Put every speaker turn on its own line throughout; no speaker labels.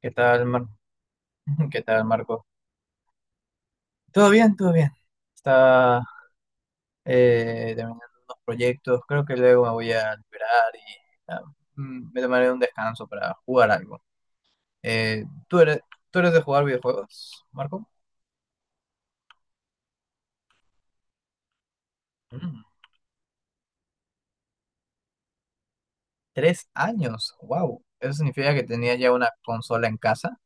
¿Qué tal, Mar- ¿Qué tal, Marco? Todo bien, todo bien. Está terminando unos proyectos. Creo que luego me voy a liberar y ah, me tomaré un descanso para jugar algo. Eh, ¿tú eres, tú eres de jugar videojuegos, Marco? Mm, 3 años. Wow. Eso significa que tenía ya una consola en casa.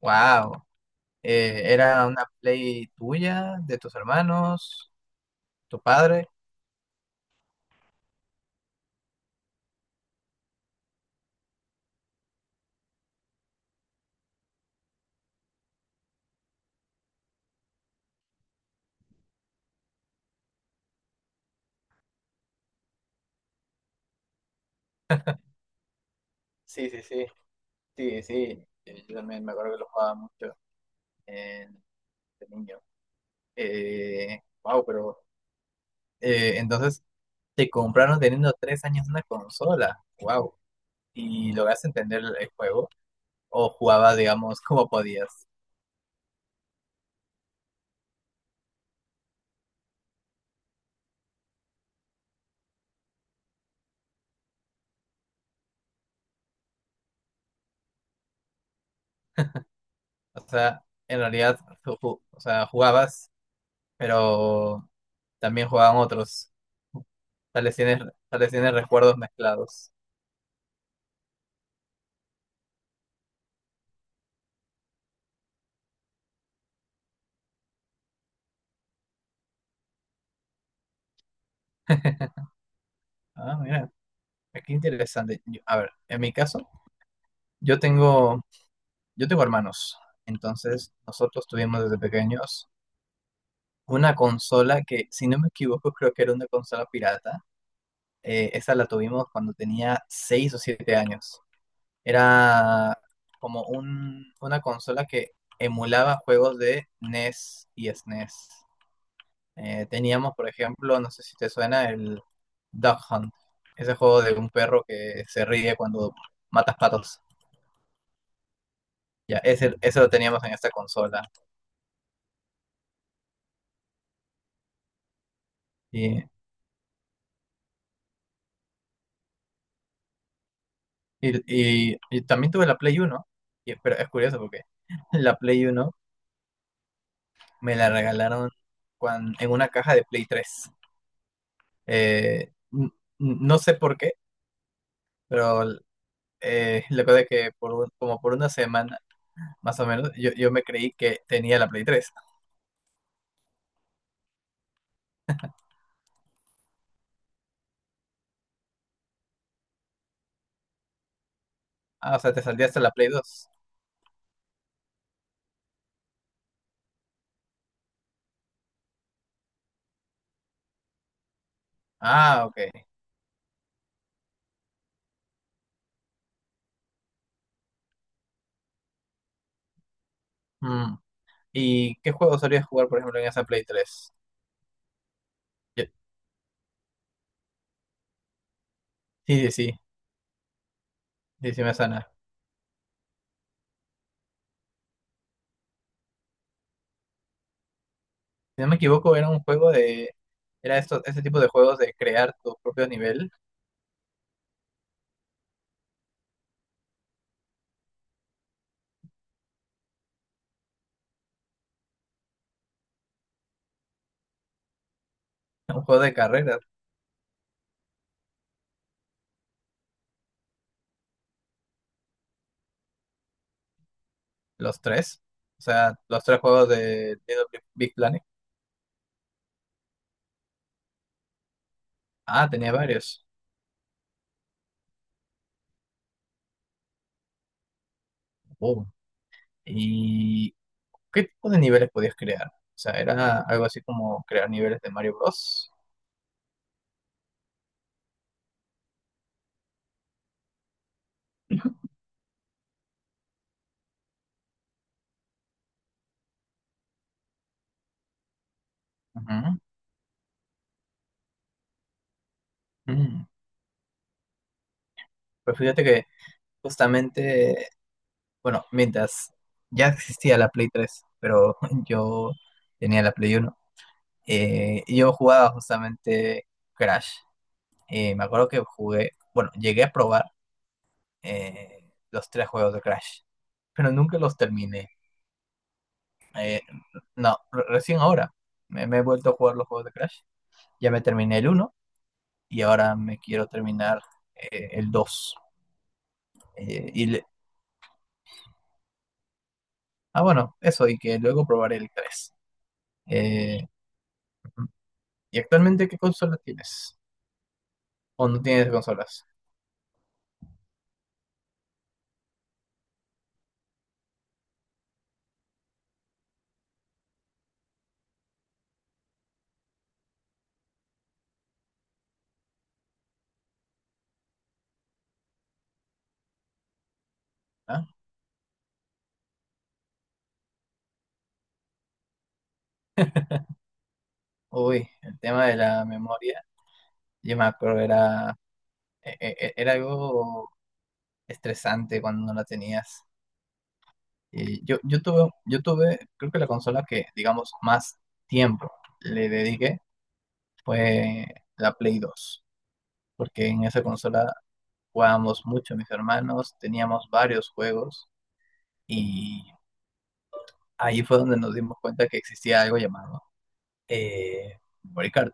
Wow. ¿Era una Play tuya, de tus hermanos, tu padre? Sí, sí, sí. Sí, sí. Yo también me acuerdo que lo jugaba mucho de niño. Wow, pero entonces te compraron teniendo 3 años una consola. Wow. ¿Y lograste entender el juego? ¿O jugabas, digamos, como podías? O sea, en realidad, o sea, jugabas, pero también jugaban otros. Tal vez tienes, tal vez tienes recuerdos mezclados. Ah, mira, qué interesante. A ver, en mi caso, yo tengo, yo tengo hermanos. Entonces, nosotros tuvimos desde pequeños una consola que, si no me equivoco, creo que era una consola pirata. Esa la tuvimos cuando tenía 6 o 7 años. Era como una consola que emulaba juegos de NES y SNES. Teníamos, por ejemplo, no sé si te suena, el Duck Hunt. Ese juego de un perro que se ríe cuando matas patos. Ya, ese lo teníamos en esta consola. Y, y también tuve la Play 1. Pero es curioso porque la Play 1 me la regalaron en una caja de Play 3. Eh, n- no sé por qué, pero lo que pasa es que como por una semana, más o menos, yo me creí que tenía la Play 3. Ah, o sea, te salía hasta la Play 2. Ah, ok. Mm. ¿Y qué juego solías jugar, por ejemplo, en esa Play 3? Yo- sí, sí, sí, sí, sí me sana. Si no me equivoco, era un juego de. Era esto, este tipo de juegos de crear tu propio nivel, un juego de carreras. Los tres. O sea, los tres juegos de Little Big Big Planet. Ah, tenía varios. Oh. ¿Y qué tipo de niveles podías crear? O sea, era algo así como crear niveles de Mario Bros. Ujú. Mm. Pues fíjate que justamente, bueno, mientras ya existía la Play 3, pero yo tenía la Play 1, y yo jugaba justamente Crash. Me acuerdo que jugué, bueno, llegué a probar los tres juegos de Crash, pero nunca los terminé. Eh, no, recién ahora me he vuelto a jugar los juegos de Crash. Ya me terminé el uno y ahora me quiero terminar el 2. Eh, y le- bueno, eso, y que luego probaré el 3. Eh, ¿Y actualmente qué consola tienes? ¿O no tienes consolas? ¿Ah? Uy, el tema de la memoria, yo me acuerdo, era, e- e- e, era algo estresante cuando no la tenías. Yo tuve, creo que la consola que, digamos, más tiempo le dediqué fue la Play 2, porque en esa consola jugábamos mucho mis hermanos, teníamos varios juegos y ahí fue donde nos dimos cuenta que existía algo llamado eh, memory card.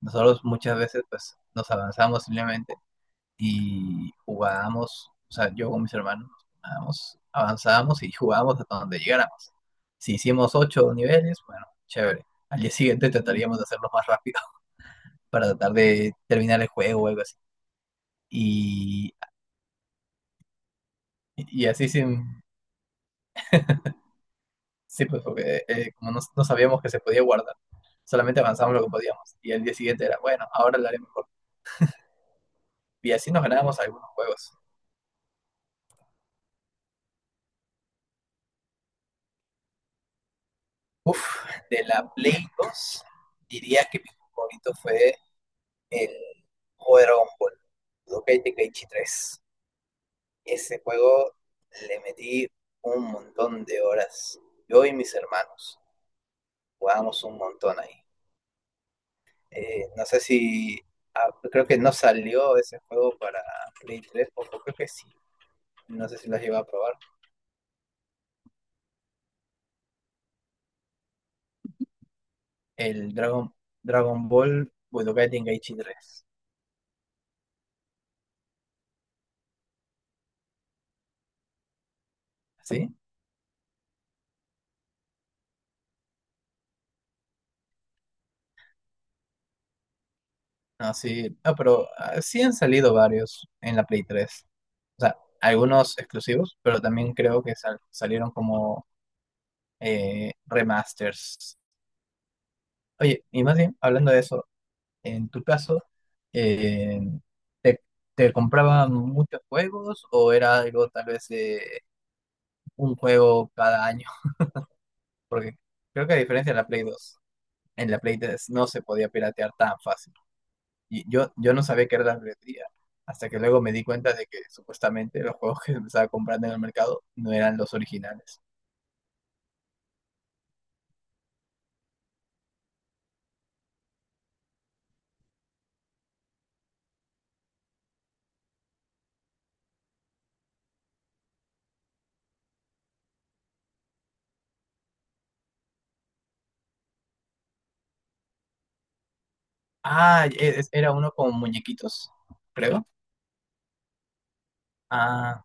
Nosotros muchas veces pues nos avanzamos simplemente y jugábamos, o sea, yo con mis hermanos jugábamos, avanzábamos y jugábamos hasta donde llegáramos. Si hicimos ocho niveles, bueno, chévere. Al día siguiente trataríamos de hacerlo más rápido para tratar de terminar el juego o algo así. Y, y así sin, sí, pues porque como no sabíamos que se podía guardar, solamente avanzamos lo que podíamos. Y al día siguiente era, bueno, ahora lo haré mejor. Y así nos ganábamos algunos juegos. Uf, de la Play 2 diría que mi juego favorito fue el juego de Dragon Ball, Budokai Tenkaichi 3. Ese juego le metí un montón de horas. Yo y mis hermanos jugábamos un montón ahí. No sé si, creo que no salió ese juego para Play 3 o creo que sí. No sé si lo has llegado a probar. El Dragon, Dragon Ball Budokai Tenkaichi 3. ¿Sí? No, sí, no, pero sí han salido varios en la Play 3. O sea, algunos exclusivos, pero también creo que salieron como remasters. Oye, y más bien, hablando de eso, en tu caso, eh, ¿te, te compraban muchos juegos o era algo tal vez de un juego cada año? Porque creo que a diferencia de la Play 2 en la Play 3 no se podía piratear tan fácil. Y yo no sabía que era la piratería, hasta que luego me di cuenta de que supuestamente los juegos que me estaba comprando en el mercado no eran los originales. Ah, era uno con muñequitos, creo. Ah,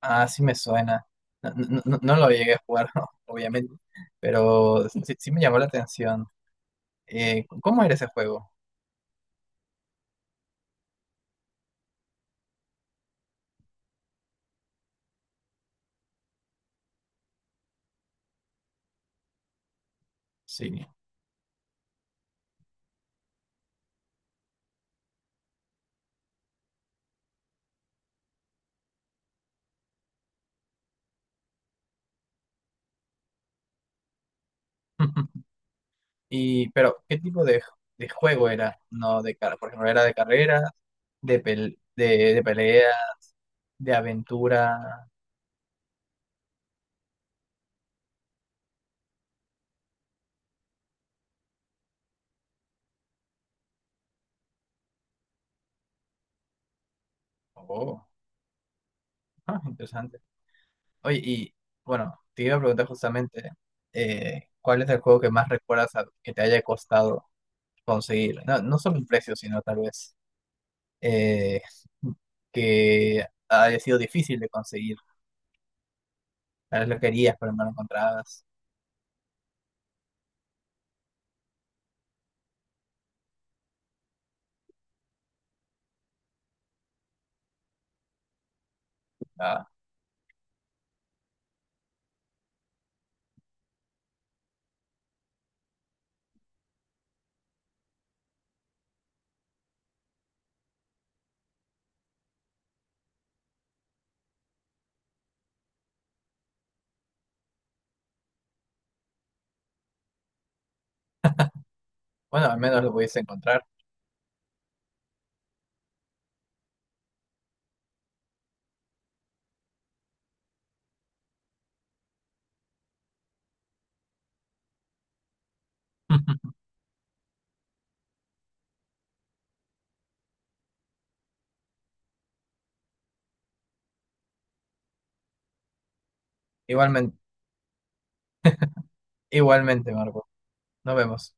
ah, sí me suena. No, no lo llegué a jugar, obviamente, pero sí, sí me llamó la atención. ¿Cómo era ese juego? Sí. Y, pero, ¿qué tipo de juego era? No de car por ejemplo, era de carreras, de peleas, de aventura. Oh, interesante. Oye, y bueno, te iba a preguntar justamente, ¿cuál es el juego que más recuerdas que te haya costado conseguir? No, no solo el precio, sino tal vez eh, que haya sido difícil de conseguir. Tal vez lo querías, pero no lo encontrabas. Ah, bueno, al menos lo pudiste encontrar. Igualmente. Igualmente, Marco. Nos vemos.